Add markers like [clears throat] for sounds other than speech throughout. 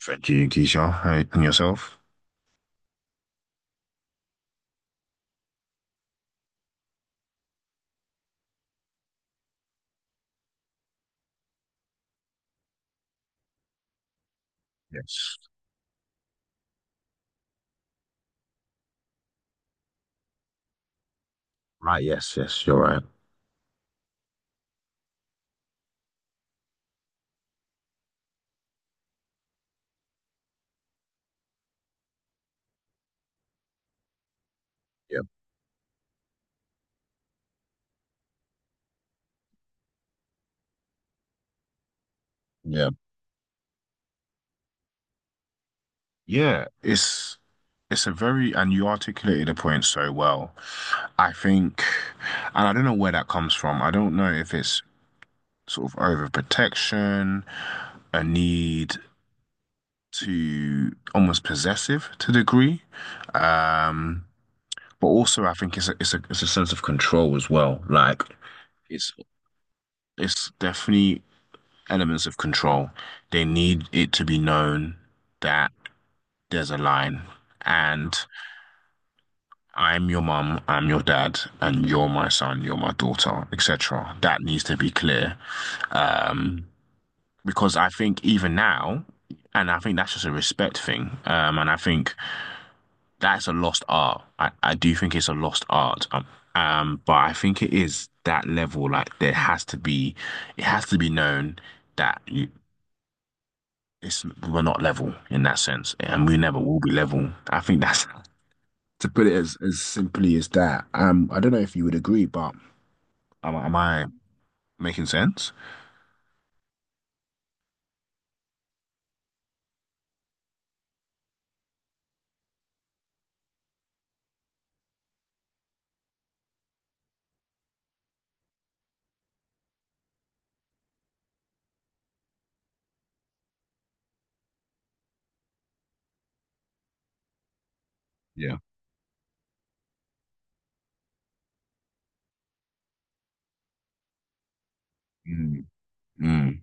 Thank you, Keisha. Hey, and yourself? Yes. Right. Yes. Yes. You're right. Yeah. Yeah. Yeah, it's a very, and you articulated the point so well. I think, and I don't know where that comes from. I don't know if it's sort of overprotection, a need to almost possessive to a degree. Um, but also I think it's a sense of control as well. Like it's it's definitely elements of control. They need it to be known that there's a line and I'm your mum, I'm your dad, and you're my son, you're my daughter, etc. That needs to be clear. Um, because I think even now, and I think that's just a respect thing. And I think that's a lost art. I do think it's a lost art. But I think it is that level. Like there has to be, it has to be known that you, it's we're not level in that sense, and we never will be level. I think that's [laughs] to put it as simply as that. I don't know if you would agree, but am I making sense? Yeah. Mm, mm.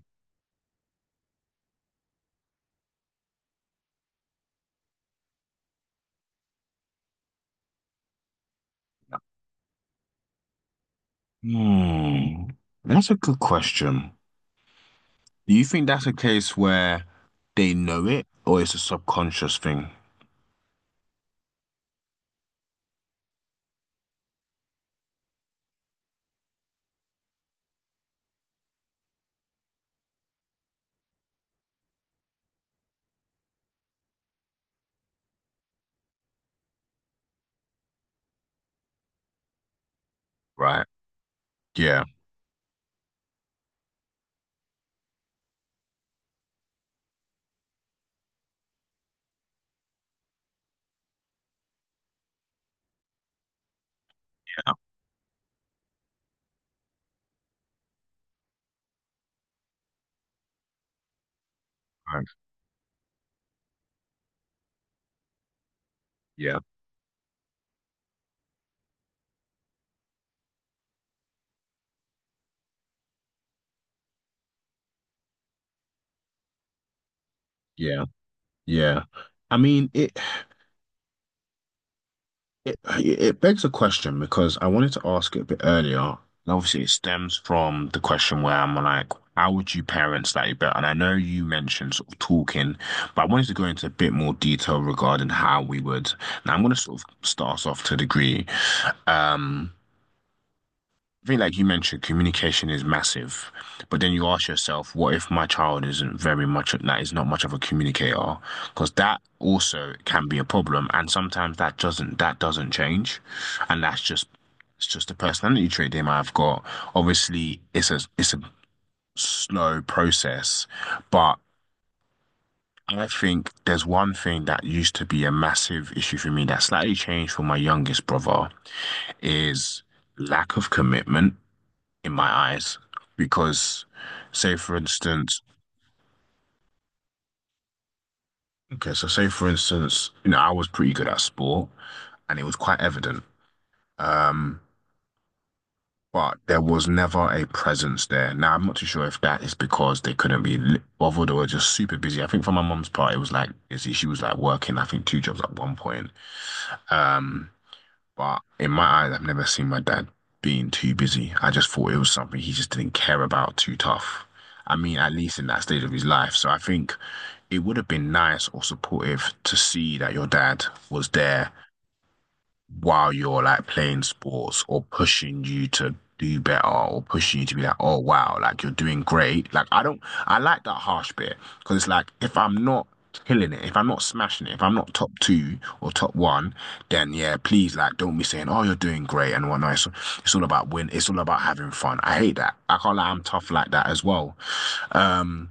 Hmm. That's a good question. Do you think that's a case where they know it, or it's a subconscious thing? Right. Yeah. Yeah. Right. Yeah. Yeah. Yeah. I mean, it. It begs a question because I wanted to ask it a bit earlier. And obviously, it stems from the question where I'm like, how would you parent slightly better? And I know you mentioned sort of talking, but I wanted to go into a bit more detail regarding how we would. Now, I'm going to sort of start us off to a degree. Um, I think, like you mentioned, communication is massive. But then you ask yourself, what if my child isn't very much, that is not much of a communicator? Because that also can be a problem. And sometimes that doesn't change. And that's just, it's just a personality trait they might have got. Obviously, it's a slow process, but I think there's one thing that used to be a massive issue for me that slightly changed for my youngest brother is lack of commitment in my eyes because say for instance say for instance, I was pretty good at sport, and it was quite evident. um but there was never a presence there. Now, I'm not too sure if that is because they couldn't be bothered or were just super busy. I think for my mom's part, it was like busy. She was like working I think two jobs at one point. um but in my eyes, I've never seen my dad being too busy. I just thought it was something he just didn't care about too tough. I mean, at least in that stage of his life. So I think it would have been nice or supportive to see that your dad was there while you're like playing sports or pushing you to do better or pushing you to be like, oh wow, like you're doing great. Like I don't, I like that harsh bit because it's like if I'm not killing it, if I'm not smashing it, if I'm not top two or top one, then yeah, please like don't be saying, oh, you're doing great and whatnot. It's all about win. It's all about having fun. I hate that. I can't lie, I'm tough like that as well. Um,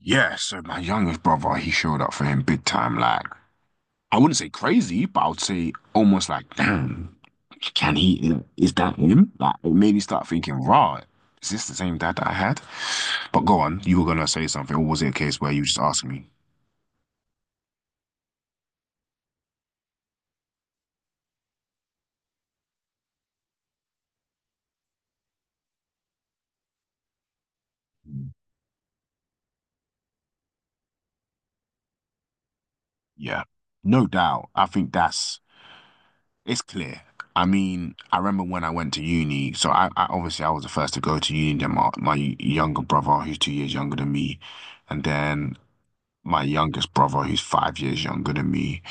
Yeah, so my youngest brother, he showed up for him big time. Like, I wouldn't say crazy, but I would say almost like, damn, can he, is that him? Like, it made me start thinking, right, is this the same dad that I had? But go on, you were gonna say something, or was it a case where you just asked me? Yeah, no doubt. I think that's, it's clear. I mean, I remember when I went to uni, so I obviously I was the first to go to uni, then my younger brother, who's 2 years younger than me, and then my youngest brother, who's 5 years younger than me.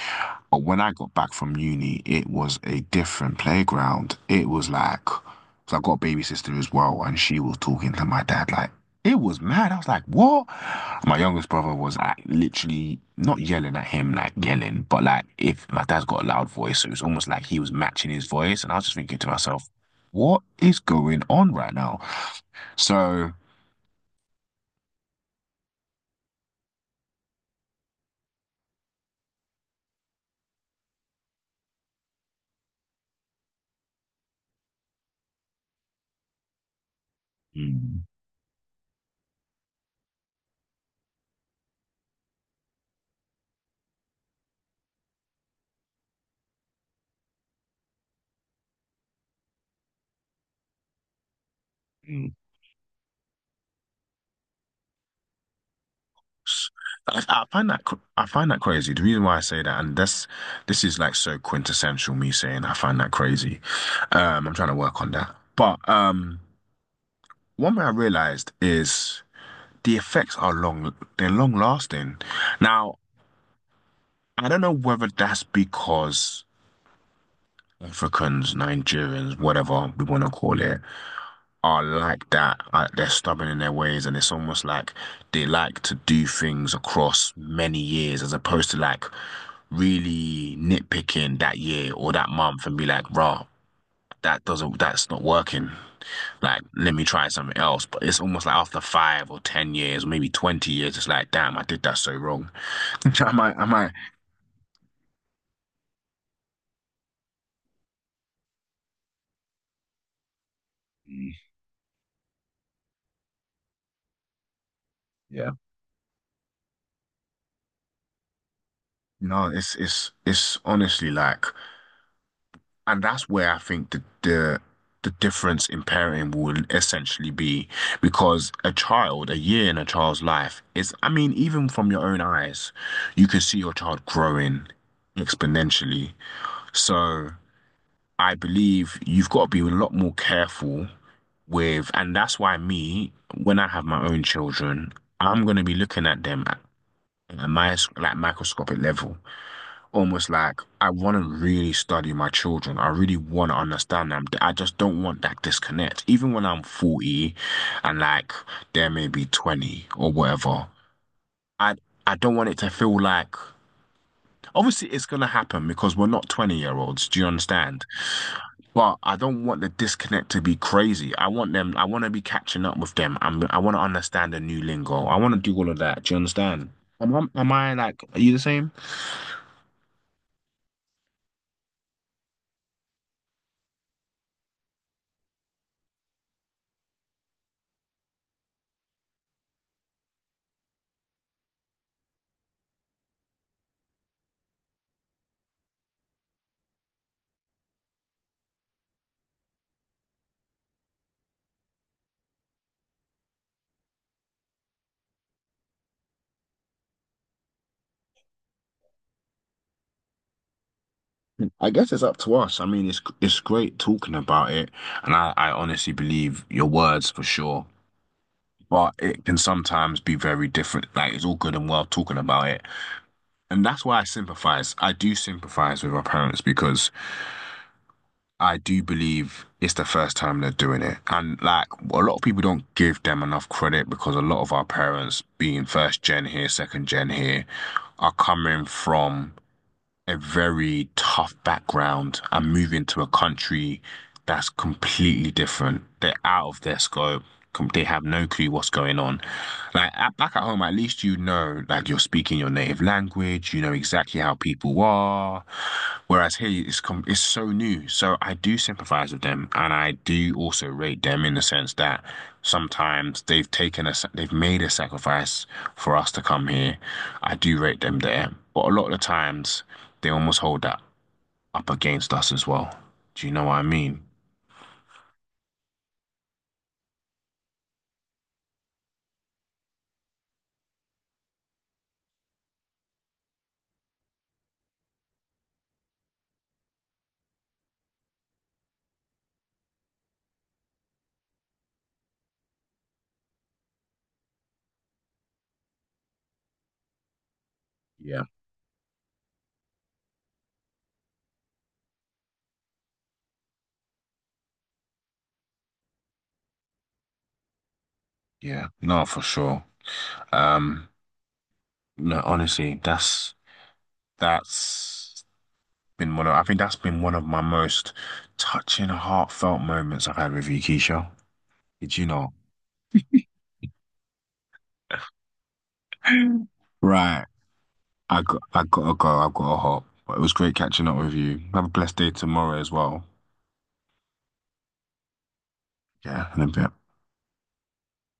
But when I got back from uni, it was a different playground. It was like, 'cause I got a baby sister as well, and she was talking to my dad like, it was mad. I was like, what? My youngest brother was like literally not yelling at him, like yelling, but like if my dad's got a loud voice, so it was almost like he was matching his voice. And I was just thinking to myself, what is going on right now? So. Mm. I find that crazy. The reason why I say that, and this is like so quintessential me saying I find that crazy. I'm trying to work on that. But one thing I realized is the effects are long, they're long lasting. Now, I don't know whether that's because Africans, Nigerians, whatever we want to call it, are like that. They're stubborn in their ways, and it's almost like they like to do things across many years as opposed to like really nitpicking that year or that month and be like, rah, that's not working. Like, let me try something else. But it's almost like after 5 or 10 years, or maybe 20 years, it's like, damn, I did that so wrong. [laughs] Am I? Yeah. No, it's honestly like, and that's where I think the difference in parenting will essentially be because a child, a year in a child's life is, I mean, even from your own eyes, you can see your child growing exponentially. So I believe you've got to be a lot more careful with, and that's why me, when I have my own children, I'm going to be looking at them at a microscopic level, almost like I want to really study my children. I really want to understand them. I just don't want that disconnect. Even when I'm 40 and like they're maybe 20 or whatever, I I don't want it to feel like obviously it's gonna happen because we're not 20-year-olds. Do you understand? But I don't want the disconnect to be crazy. I want to be catching up with them. I want to understand the new lingo. I want to do all of that. Do you understand? Am I like, are you the same? I guess it's up to us. I mean, it's great talking about it, and I honestly believe your words for sure. But it can sometimes be very different. Like it's all good and well talking about it, and that's why I sympathize. I do sympathize with our parents because I do believe it's the first time they're doing it, and like a lot of people don't give them enough credit because a lot of our parents, being first gen here, second gen here, are coming from a very tough background and move into a country that's completely different. They're out of their scope. They have no clue what's going on. Back at home, at least you know, like you're speaking your native language. You know exactly how people are. Whereas here, it's so new. So I do sympathize with them, and I do also rate them in the sense that sometimes they've made a sacrifice for us to come here. I do rate them there, but a lot of the times they almost hold that up against us as well. Do you know what I mean? Yeah. Yeah, no, for sure. Um, no, honestly, that's been one of I think that's been one of my most touching, heartfelt moments I've had with you, Keisha. Did you know? [clears throat] [laughs] Right, I gotta go. I've gotta hop. But it was great catching up with you. Have a blessed day tomorrow as well. Yeah, in a bit.